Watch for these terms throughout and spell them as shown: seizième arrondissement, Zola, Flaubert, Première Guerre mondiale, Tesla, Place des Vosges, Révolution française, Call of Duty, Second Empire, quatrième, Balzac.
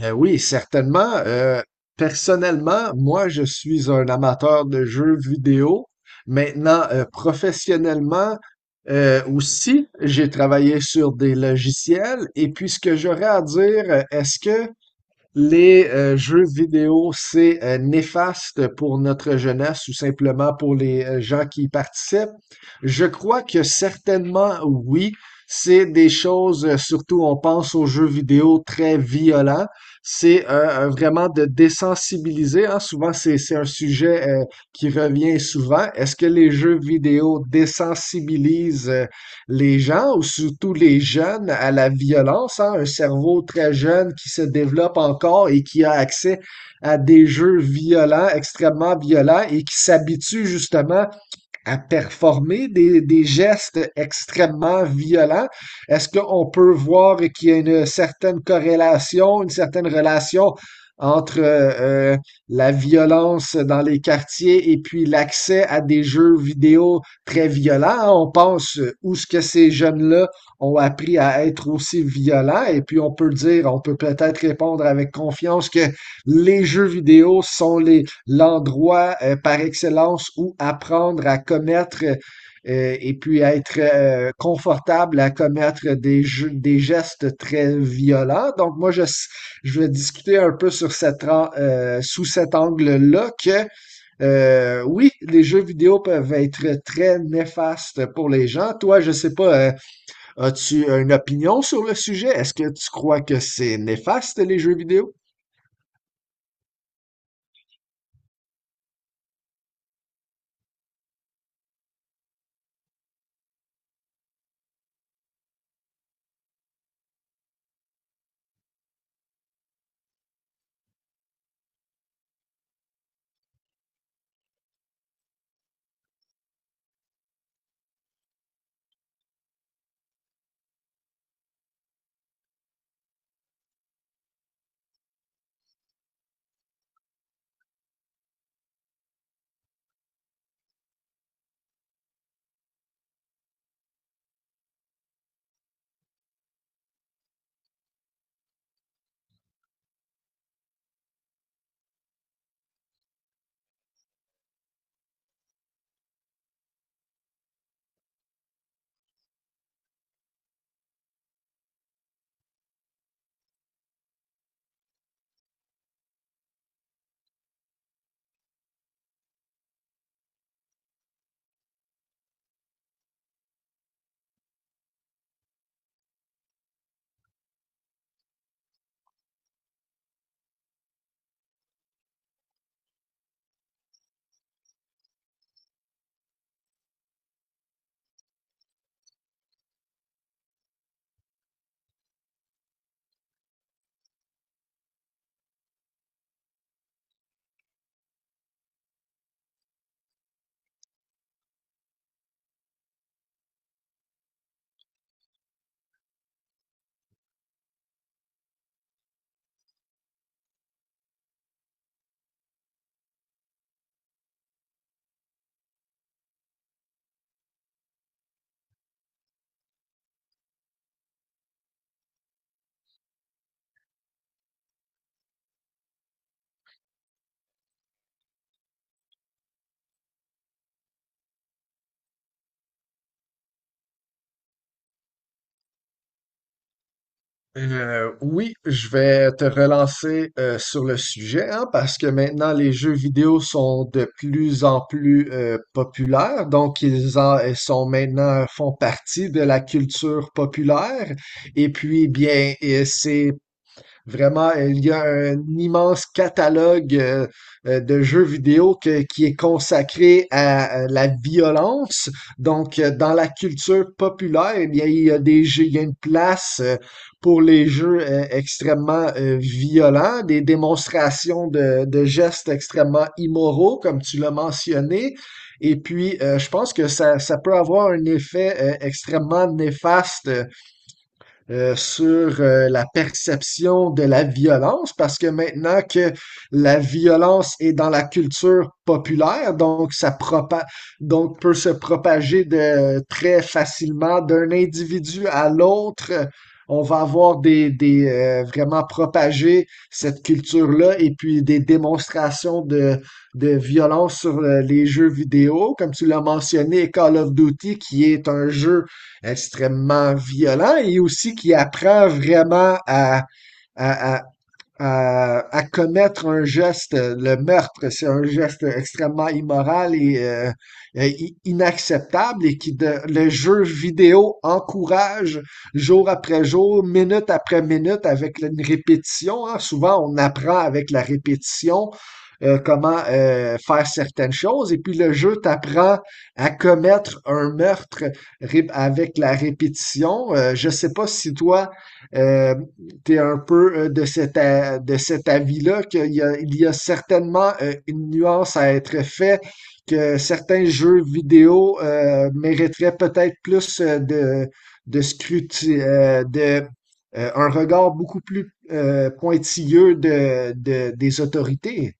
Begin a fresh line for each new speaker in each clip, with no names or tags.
Oui, certainement. Personnellement, moi, je suis un amateur de jeux vidéo. Maintenant, professionnellement, aussi, j'ai travaillé sur des logiciels. Et puis, ce que j'aurais à dire, est-ce que les jeux vidéo, c'est néfaste pour notre jeunesse ou simplement pour les gens qui y participent? Je crois que certainement oui. C'est des choses, surtout on pense aux jeux vidéo très violents. C'est vraiment de désensibiliser, hein. Souvent, c'est un sujet qui revient souvent. Est-ce que les jeux vidéo désensibilisent les gens, ou surtout les jeunes, à la violence, hein, un cerveau très jeune qui se développe encore et qui a accès à des jeux violents, extrêmement violents, et qui s'habitue justement à performer des gestes extrêmement violents. Est-ce qu'on peut voir qu'il y a une certaine corrélation, une certaine relation entre la violence dans les quartiers et puis l'accès à des jeux vidéo très violents. On pense où ce que ces jeunes-là ont appris à être aussi violents et puis on peut dire, on peut peut-être répondre avec confiance que les jeux vidéo sont les l'endroit par excellence où apprendre à commettre et puis être confortable à commettre des, jeux, des gestes très violents. Donc je vais discuter un peu sur cette, sous cet angle-là que oui, les jeux vidéo peuvent être très néfastes pour les gens. Toi, je sais pas, as-tu une opinion sur le sujet? Est-ce que tu crois que c'est néfaste les jeux vidéo? Oui, je vais te relancer sur le sujet, hein, parce que maintenant les jeux vidéo sont de plus en plus populaires, donc ils en ils sont maintenant font partie de la culture populaire. Et puis eh bien, et c'est Vraiment, il y a un immense catalogue de jeux vidéo qui est consacré à la violence. Donc, dans la culture populaire, eh bien, il y a une place pour les jeux extrêmement violents, des démonstrations de gestes extrêmement immoraux, comme tu l'as mentionné. Et puis, je pense que ça peut avoir un effet extrêmement néfaste sur la perception de la violence, parce que maintenant que la violence est dans la culture populaire, donc ça propa donc peut se propager de très facilement d'un individu à l'autre. On va avoir des vraiment propager cette culture-là et puis des démonstrations de violence sur les jeux vidéo, comme tu l'as mentionné, Call of Duty, qui est un jeu extrêmement violent et aussi qui apprend vraiment à, à, à commettre un geste, le meurtre, c'est un geste extrêmement immoral et inacceptable et le jeu vidéo encourage jour après jour, minute après minute avec une répétition, hein. Souvent, on apprend avec la répétition, comment faire certaines choses et puis le jeu t'apprend à commettre un meurtre avec la répétition. Je sais pas si toi euh, tu es un peu de de cet avis-là, qu'il y a, il y a certainement une nuance à être faite, que certains jeux vidéo mériteraient peut-être plus de scruti- euh, de, un regard beaucoup plus pointilleux des autorités.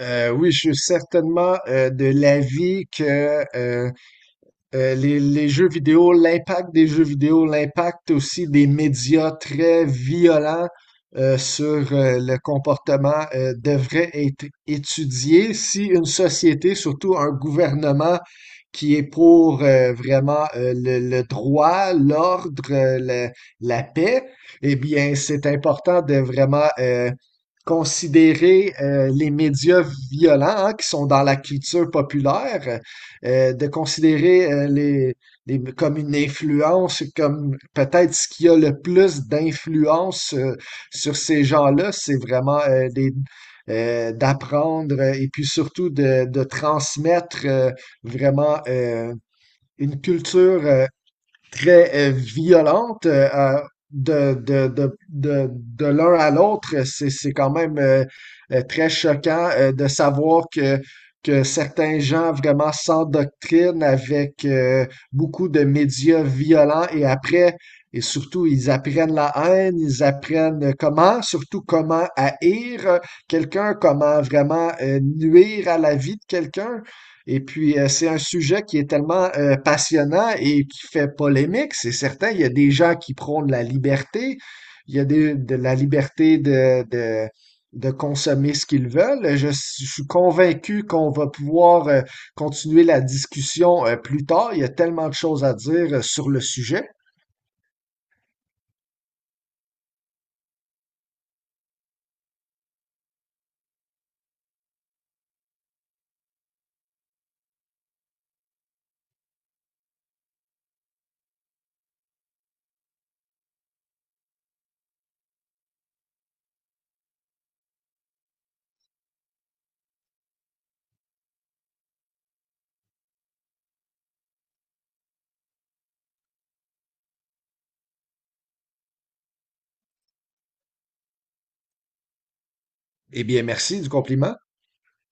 Oui, je suis certainement de l'avis que les jeux vidéo, l'impact des jeux vidéo, l'impact aussi des médias très violents sur le comportement devrait être étudié. Si une société, surtout un gouvernement qui est pour vraiment le droit, l'ordre, la, la paix, eh bien, c'est important de vraiment considérer les médias violents, hein, qui sont dans la culture populaire. De considérer comme une influence, comme peut-être ce qui a le plus d'influence sur ces gens-là, c'est vraiment d'apprendre et puis surtout de transmettre vraiment une culture très violente de l'un à l'autre. C'est quand même très choquant de savoir que certains gens vraiment s'endoctrinent avec beaucoup de médias violents et après, et surtout, ils apprennent la haine, ils apprennent comment, surtout comment haïr quelqu'un, comment vraiment nuire à la vie de quelqu'un. Et puis, c'est un sujet qui est tellement passionnant et qui fait polémique, c'est certain. Il y a des gens qui prônent la liberté, il y a de la liberté de consommer ce qu'ils veulent. Je suis convaincu qu'on va pouvoir continuer la discussion plus tard. Il y a tellement de choses à dire sur le sujet. Eh bien, merci du compliment.